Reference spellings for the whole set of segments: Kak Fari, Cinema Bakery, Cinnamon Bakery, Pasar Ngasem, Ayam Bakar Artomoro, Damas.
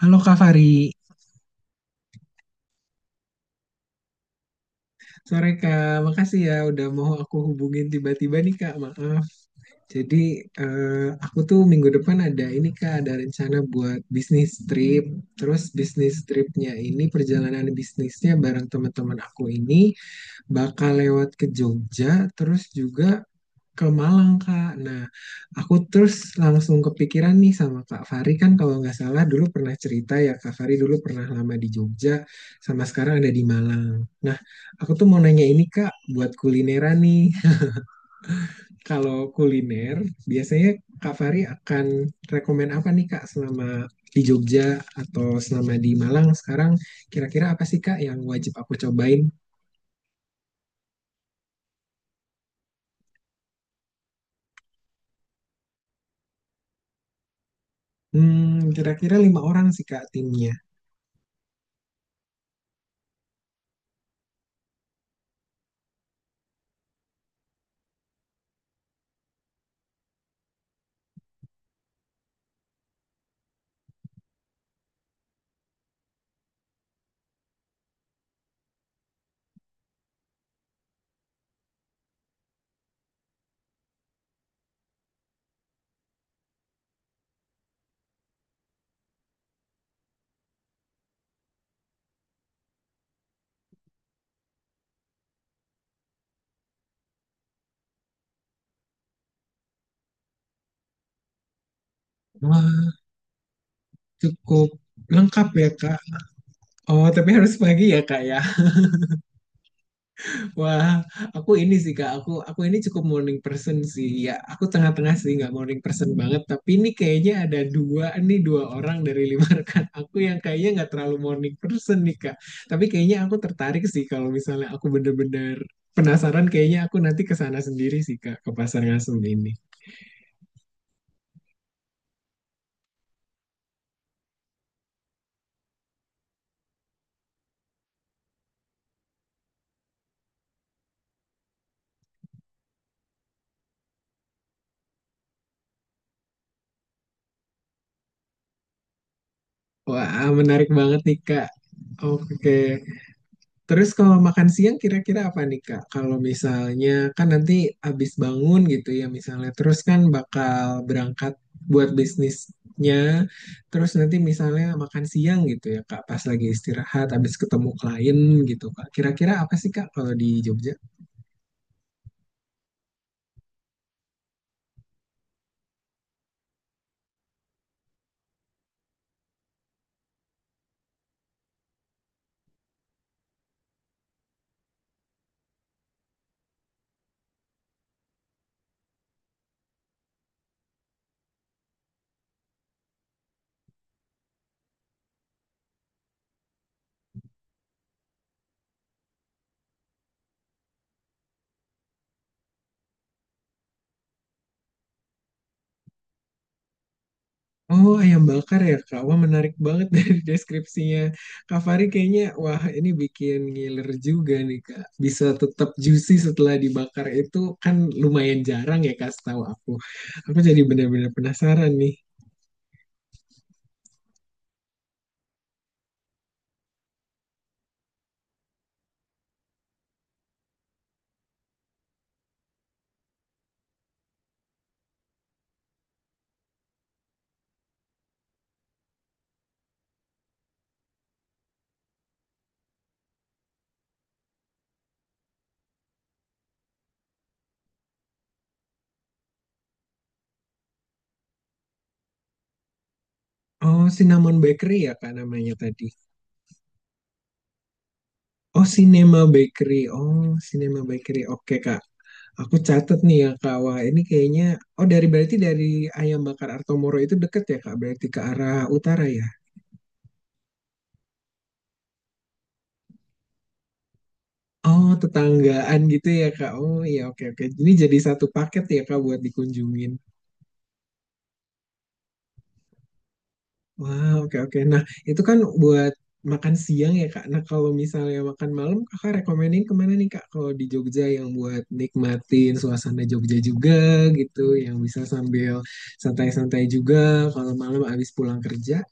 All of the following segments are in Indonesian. Halo Kak Fari, sore Kak. Makasih ya udah mau aku hubungin tiba-tiba nih Kak. Maaf. Jadi aku tuh minggu depan ada ini Kak, ada rencana buat bisnis trip. Terus bisnis tripnya ini perjalanan bisnisnya bareng teman-teman aku ini bakal lewat ke Jogja, terus juga ke Malang Kak. Nah, aku terus langsung kepikiran nih sama Kak Fari, kan kalau nggak salah dulu pernah cerita ya, Kak Fari dulu pernah lama di Jogja sama sekarang ada di Malang. Nah, aku tuh mau nanya ini Kak buat kulineran nih. Kalau kuliner biasanya Kak Fari akan rekomen apa nih Kak, selama di Jogja atau selama di Malang sekarang kira-kira apa sih Kak yang wajib aku cobain? Kira-kira 5 orang sih Kak timnya. Wah, cukup lengkap ya Kak. Oh, tapi harus pagi ya, Kak ya. Wah, aku ini sih, Kak. Aku ini cukup morning person sih. Ya, aku tengah-tengah sih, nggak morning person banget. Tapi ini kayaknya ada 2 nih, 2 orang dari 5 rekan aku yang kayaknya nggak terlalu morning person nih, Kak. Tapi kayaknya aku tertarik sih kalau misalnya aku bener-bener penasaran. Kayaknya aku nanti ke sana sendiri sih, Kak, ke Pasar Ngasem ini. Wah, menarik banget nih, Kak. Oke. Terus kalau makan siang kira-kira apa nih Kak? Kalau misalnya kan nanti abis bangun gitu ya, misalnya terus kan bakal berangkat buat bisnisnya. Terus nanti misalnya makan siang gitu ya Kak, pas lagi istirahat abis ketemu klien gitu Kak. Kira-kira apa sih Kak kalau di Jogja? Oh, ayam bakar ya, Kak. Wah, menarik banget dari deskripsinya. Kak Fari kayaknya, wah ini bikin ngiler juga nih, Kak. Bisa tetap juicy setelah dibakar itu kan lumayan jarang ya, Kak, setahu aku. Aku jadi benar-benar penasaran nih. Oh, Cinnamon Bakery ya, Kak, namanya tadi. Oh, Cinema Bakery. Oh, Cinema Bakery. Oke, Kak. Aku catat nih ya, Kak. Wah, ini kayaknya... Oh, berarti dari Ayam Bakar Artomoro itu deket ya, Kak? Berarti ke arah utara ya? Oh, tetanggaan gitu ya, Kak. Oh, iya, oke, oke. Ini jadi satu paket ya, Kak, buat dikunjungin. Wah, oke, oke. Nah, itu kan buat makan siang ya, Kak. Nah, kalau misalnya makan malam, Kakak rekomenin kemana nih, Kak? Kalau di Jogja yang buat nikmatin suasana Jogja juga gitu, yang bisa sambil santai-santai juga. Kalau malam abis pulang kerja.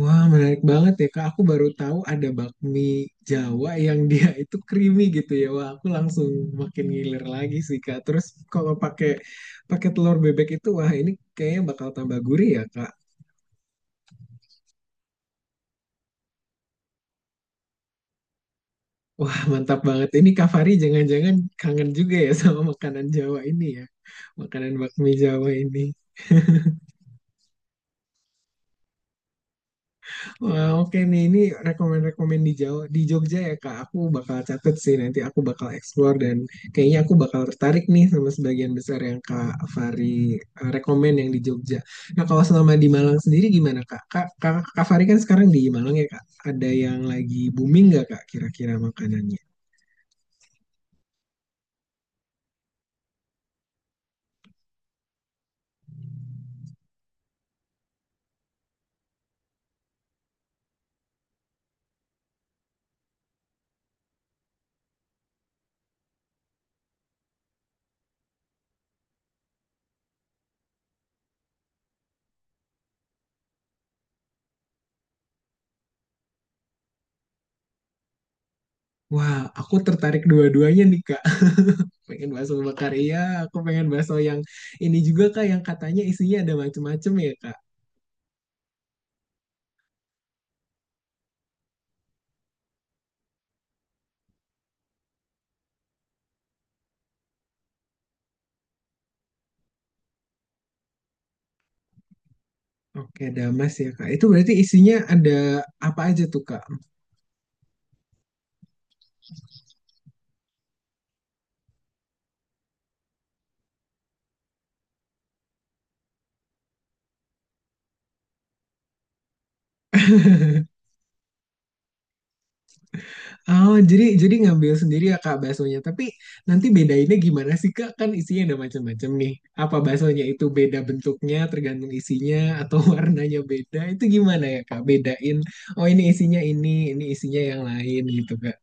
Wah, menarik banget ya, Kak. Aku baru tahu ada bakmi Jawa yang dia itu creamy gitu ya. Wah, aku langsung makin ngiler lagi sih, Kak. Terus kalau pakai pakai telur bebek itu, wah ini kayaknya bakal tambah gurih ya, Kak. Wah, mantap banget. Ini Kak Fari jangan-jangan kangen juga ya sama makanan Jawa ini ya. Makanan bakmi Jawa ini. Wah, oke nih, ini rekomend-rekomend di Jawa, di Jogja ya Kak. Aku bakal catet sih, nanti aku bakal explore dan kayaknya aku bakal tertarik nih sama sebagian besar yang Kak Fari rekomend yang di Jogja. Nah, kalau selama di Malang sendiri gimana Kak? Kak Fari kan sekarang di Malang ya Kak. Ada yang lagi booming nggak Kak kira-kira makanannya? Wah, aku tertarik dua-duanya nih Kak. Pengen bakso bakar iya, aku pengen bakso yang ini juga Kak yang katanya isinya ada macem-macem ya Kak. Oke, Damas ya Kak. Itu berarti isinya ada apa aja tuh Kak? Oh, jadi ngambil sendiri ya Kak baksonya. Tapi nanti bedainnya gimana sih Kak? Kan isinya ada macam-macam nih. Apa baksonya itu beda bentuknya tergantung isinya atau warnanya beda? Itu gimana ya Kak? Bedain. Oh, ini isinya yang lain gitu Kak.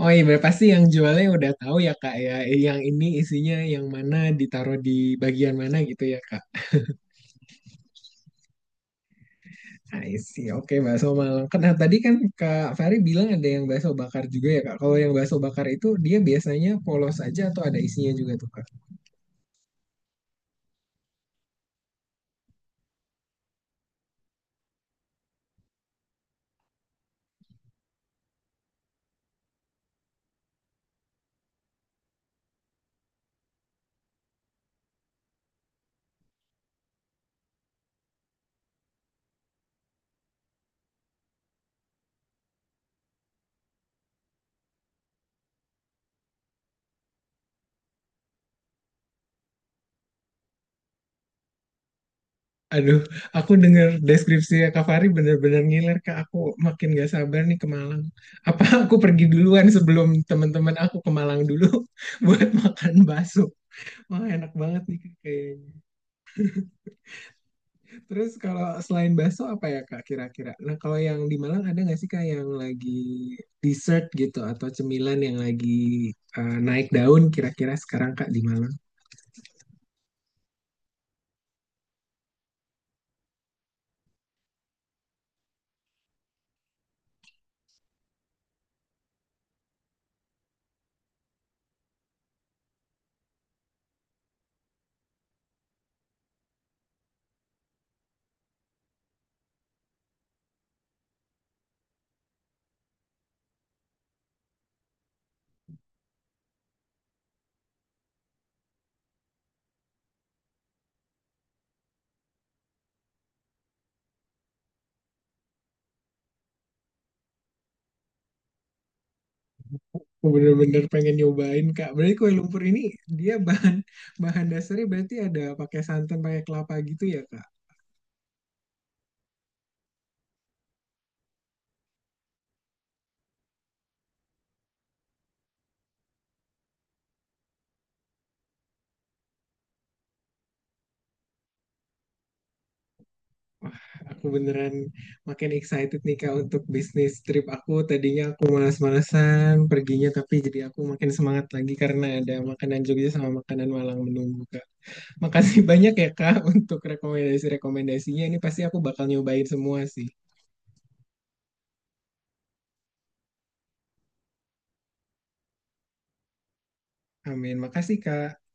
Oh, iya berarti pasti yang jualnya udah tahu ya Kak ya. Yang ini isinya yang mana ditaruh di bagian mana gitu ya Kak. I see. Oke, bakso Malang. Kan nah, tadi kan Kak Fari bilang ada yang bakso bakar juga ya, Kak. Kalau yang bakso bakar itu dia biasanya polos aja atau ada isinya juga tuh, Kak? Aduh, aku dengar deskripsi Kak Fari bener-bener ngiler, Kak. Aku makin gak sabar nih ke Malang. Apa aku pergi duluan sebelum teman-teman aku ke Malang dulu buat makan bakso? Wah, enak banget nih, Kak, kayaknya. Terus kalau selain bakso apa ya Kak kira-kira? Nah kalau yang di Malang ada nggak sih Kak yang lagi dessert gitu atau cemilan yang lagi naik daun kira-kira sekarang Kak di Malang? Aku bener-bener pengen nyobain Kak. Berarti kue lumpur ini dia bahan bahan dasarnya berarti ada pakai santan, pakai kelapa gitu ya Kak? Wah, aku beneran makin excited nih Kak untuk bisnis trip aku. Tadinya aku malas malasan perginya tapi jadi aku makin semangat lagi karena ada makanan Jogja sama makanan Malang menunggu Kak. Makasih banyak ya Kak untuk rekomendasi-rekomendasinya. Ini pasti aku bakal nyobain semua sih. Amin. Makasih Kak.